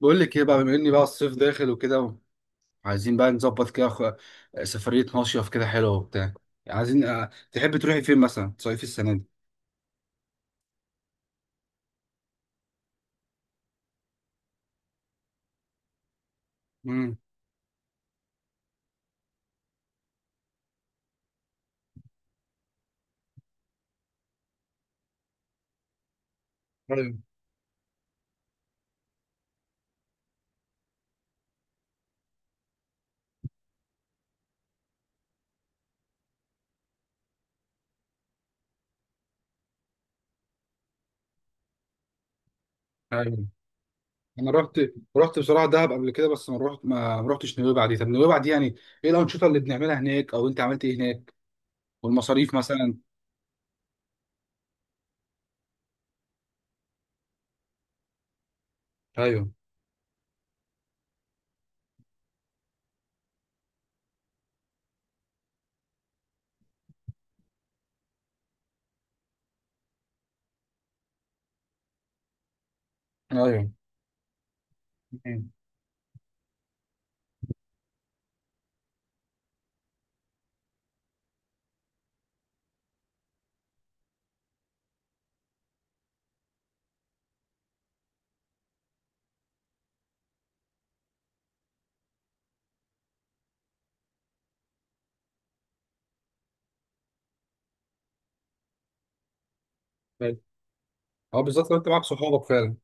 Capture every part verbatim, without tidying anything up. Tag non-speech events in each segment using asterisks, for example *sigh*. بقول لك ايه بقى، بما اني بقى الصيف داخل وكده. عايزين بقى نظبط كده خ- سفرية مصيف كده حلوة وبتاع. عايزين، آه، تحبي تروحي فين مثلا تصيفي السنة دي؟ امم. ايوه، ايوه. انا رحت، رحت بصراحة دهب قبل كده، بس ما رحت ما ما رحتش نويبع دي. طب نويبع دي يعني ايه الأنشطة اللي بنعملها هناك، او انت عملت ايه هناك، والمصاريف مثلا؟ ايوه، ايوه. مم. ايوه. اه، بالظبط لو انت معاك صحابك فعلا.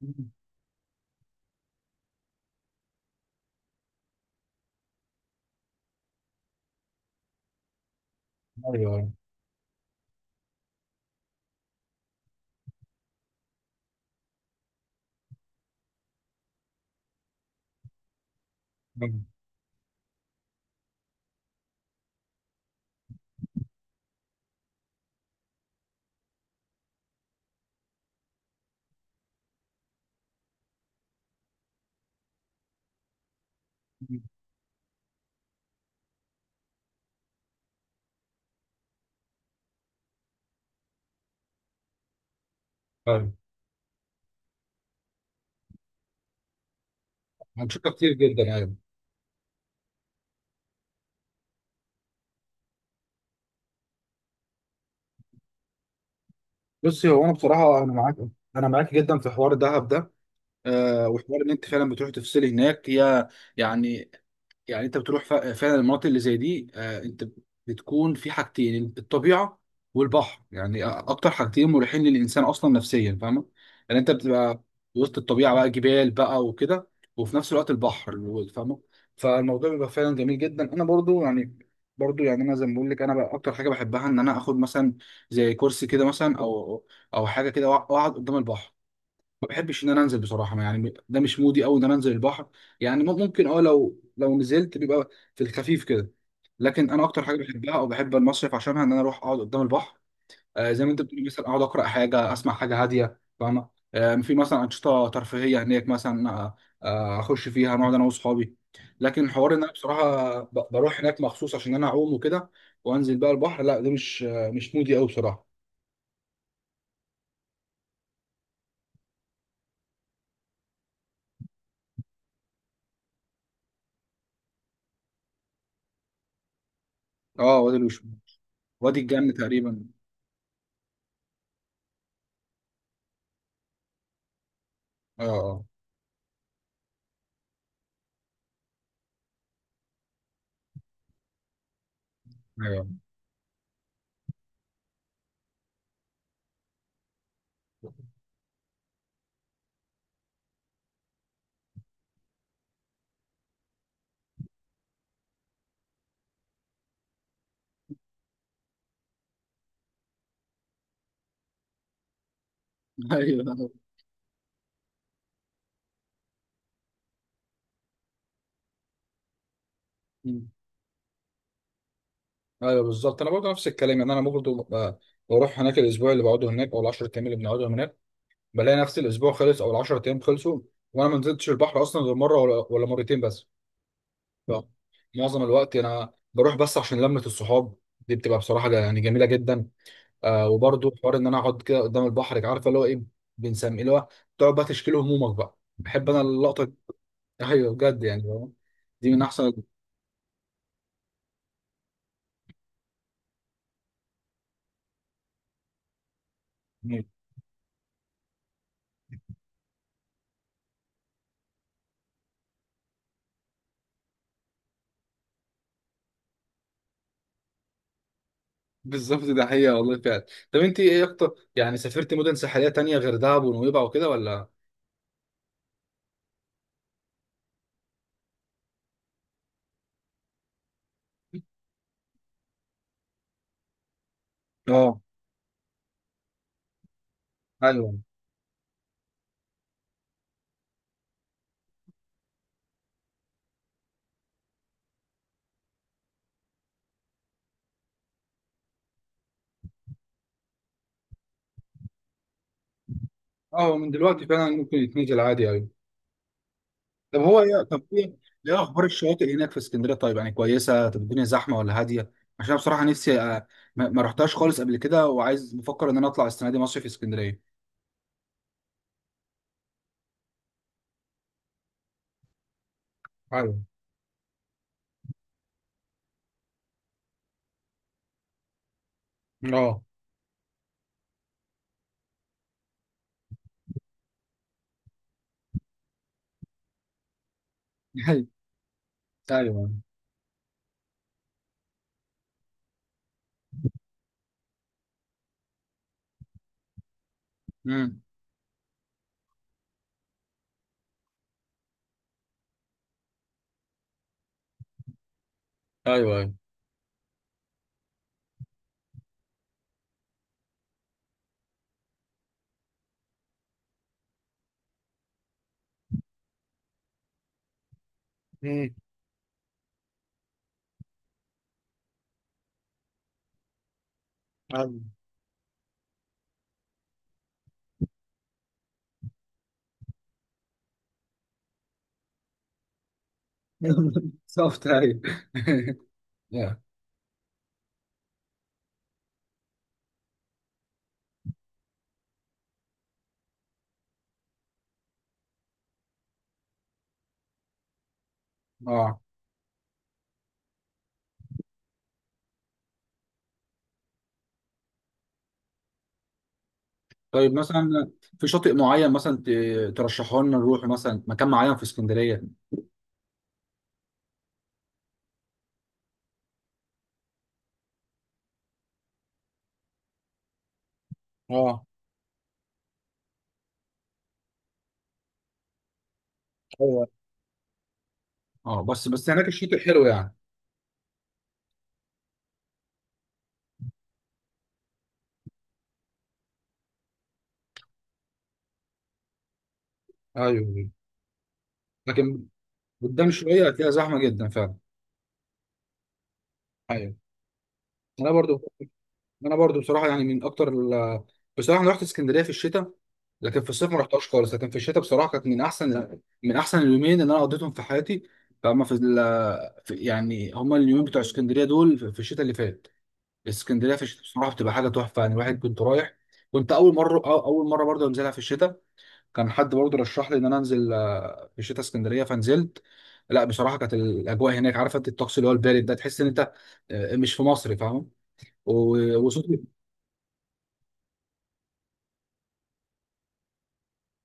مم. ايوه، ايوه. مم. ايوه. أنشطة كتير جدا، ايوه. بصي، هو انا بصراحه انا معاك انا معاك جدا في حوار دهب ده. أه، وحوار ان انت فعلا بتروحي تفصلي هناك، هي يعني، يعني انت بتروح ف- فعلا المناطق اللي زي دي. آه، انت بتكون في حاجتين: الطبيعه والبحر، يعني اكتر حاجتين مريحين للانسان اصلا نفسيا، فاهمه. يعني انت بتبقى وسط الطبيعه بقى، جبال بقى وكده، وفي نفس الوقت البحر، فاهمه. فالموضوع بيبقى فعلا جميل جدا. انا برضو يعني، برضو يعني انا زي ما بقول لك، انا بقى اكتر حاجه بحبها ان انا اخد مثلا زي كرسي كده مثلا، او او حاجه كده، واقعد قدام البحر. ما بحبش ان انا انزل بصراحه، يعني ده مش مودي قوي ان انا انزل البحر. يعني ممكن اه، لو لو نزلت بيبقى في الخفيف كده، لكن انا اكتر حاجه بحبها او بحب المصيف عشانها ان انا اروح اقعد قدام البحر. آه، زي ما انت بتقول، مثلا اقعد اقرا حاجه، اسمع حاجه هاديه، فاهمه. آه، في مثلا انشطه ترفيهيه هناك مثلا، آه آه، اخش فيها نقعد انا واصحابي، لكن حوار ان انا بصراحه ب- بروح هناك مخصوص عشان انا اعوم وكده وانزل بقى البحر، لا ده مش آه، مش مودي قوي بصراحه. اه، وادي الوشم، وادي الجنة تقريبا. اه، اه. أيوة. *laughs* ايوه. مم. ايوه بالظبط، انا برضه نفس الكلام، يعني انا برضه ببقى- بروح هناك، الاسبوع اللي بقعده هناك او ال عشرة أيام ايام اللي بنقعدهم هناك، بلاقي نفس الاسبوع خلص او ال عشرة أيام ايام خلصوا، وانا ما نزلتش البحر اصلا غير مره ولا, ولا مرتين بس. ف- معظم الوقت انا بروح بس عشان لمه الصحاب، دي بتبقى بصراحه جا- يعني جميله جدا. آه، وبرضه حوار ان انا اقعد كده قدام البحر، عارفه اللي هو ايه، بنسميه اللي هو تقعد بقى تشكيل همومك بقى، بحب انا اللقطه دي. ايوه بجد يعني، دي من احسن. بالظبط، ده حقيقة والله فعلا. طب انت ايه اكتر، يعني سافرت مدن ساحلية تانية غير دهب ونويبع وكده ولا؟ اه. ايوه. اه من دلوقتي فعلا ممكن يتنزل عادي، ايوه. طب هو ايه طب ايه، ايه اخبار الشواطئ هناك في اسكندرية؟ طيب يعني كويسة؟ طب الدنيا زحمة ولا هادية؟ عشان بصراحة نفسي، اه، ما ما رحتهاش خالص قبل كده، وعايز، بفكر ان انا اطلع السنة دي مصيف في اسكندرية. ايوه. اه. *laughs* ايوه، ايوه. امم. ايوه، ايوه. مم. ايوه. *laughs* بالظبط، ايوه. *laughs* يا. اه. طيب مثلا في شاطئ معين مثلا ت- ترشحه لنا نروح مثلا، مكان معين في اسكندريه؟ اه. ايوه. اه بس، بس هناك الشاطئ حلو يعني. ايوه، لكن قدام شويه هتلاقيها زحمه جدا فعلا. ايوه. انا برضو انا برضو بصراحه يعني من اكتر ال... بصراحه انا رحت اسكندريه في الشتاء، لكن في الصيف ما رحتهاش خالص، لكن في الشتاء بصراحه كانت من احسن من احسن اليومين اللي انا قضيتهم في حياتي. فهم في, ال... في يعني هما اليومين بتوع اسكندريه دول في في الشتاء اللي فات. اسكندريه في الشتاء بصراحه بتبقى حاجه تحفه، يعني الواحد كنت رايح، كنت اول مره أو- اول مره برضه انزلها في الشتاء، كان حد برضه رشح لي ان انا انزل، آه، في الشتاء اسكندريه، فنزلت. لا بصراحه كانت الاجواء هناك، عارفه انت الطقس اللي هو البارد ده، تحس ان انت، آه، مش في مصر، فاهم. و- وصوت،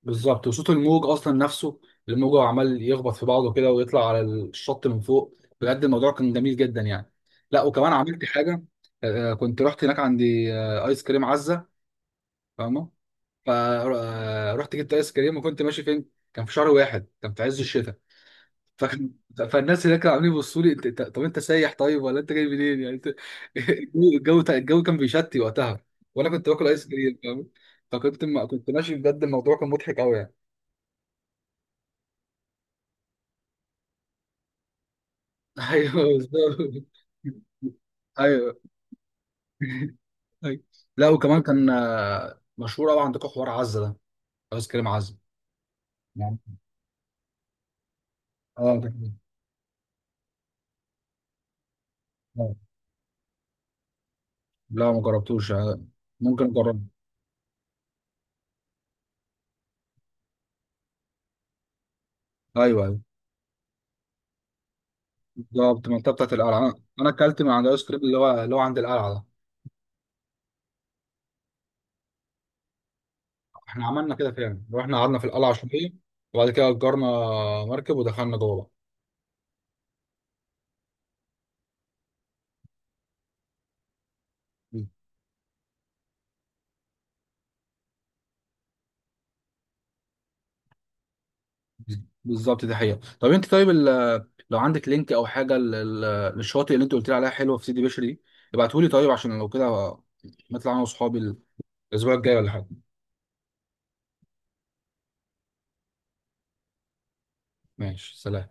بالظبط، وصوت الموج اصلا نفسه، الموج عمال يخبط في بعضه كده ويطلع على الشط من فوق، بجد الموضوع كان جميل جدا يعني. لا وكمان عملت حاجه، آه، آه، كنت رحت هناك، عندي آه، ايس كريم عزه، فاهمه. فرحت جبت ايس كريم وكنت ماشي فين، كان في شهر واحد، كان في عز الشتاء. فكان فالناس هناك كانوا عاملين يبصوا لي، "أنت- أنت- طب انت سايح طيب، ولا انت جاي منين، يعني أنت- *laughs* الجو، الجو الجو كان بيشتي وقتها، وانا كنت باكل ايس كريم، فاهم. فكنت ما كنت ماشي، بجد الموضوع كان مضحك قوي يعني. *laughs* ايوه بالظبط. ايوه. *laughs* أيوة. لا وكمان كان، آه، مشهور قوي عندكم حوار عزه ده، ايس كريم عزه. نعم. اه ده كمان. آه. لا ما جربتوش، آه، ممكن اجربه. ايوه بالظبط، المنطقه بتاعت القلعه، انا اكلت من عند الايس كريم اللي هو اللي هو عند القلعه ده. احنا عملنا كده فعلا، رحنا قعدنا في القلعه شويه، وبعد كده اجرنا مركب ودخلنا جوه بقى. بالظبط، دي حقيقه. طب انت طيب ال- لو عندك لينك او حاجه لل- للشاطئ اللي انت قلت لي عليها حلوه في سيدي بشر دي، ابعتهولي طيب، عشان لو كده نطلع انا واصحابي الاسبوع الجاي ولا حاجه. ماشي، سلام.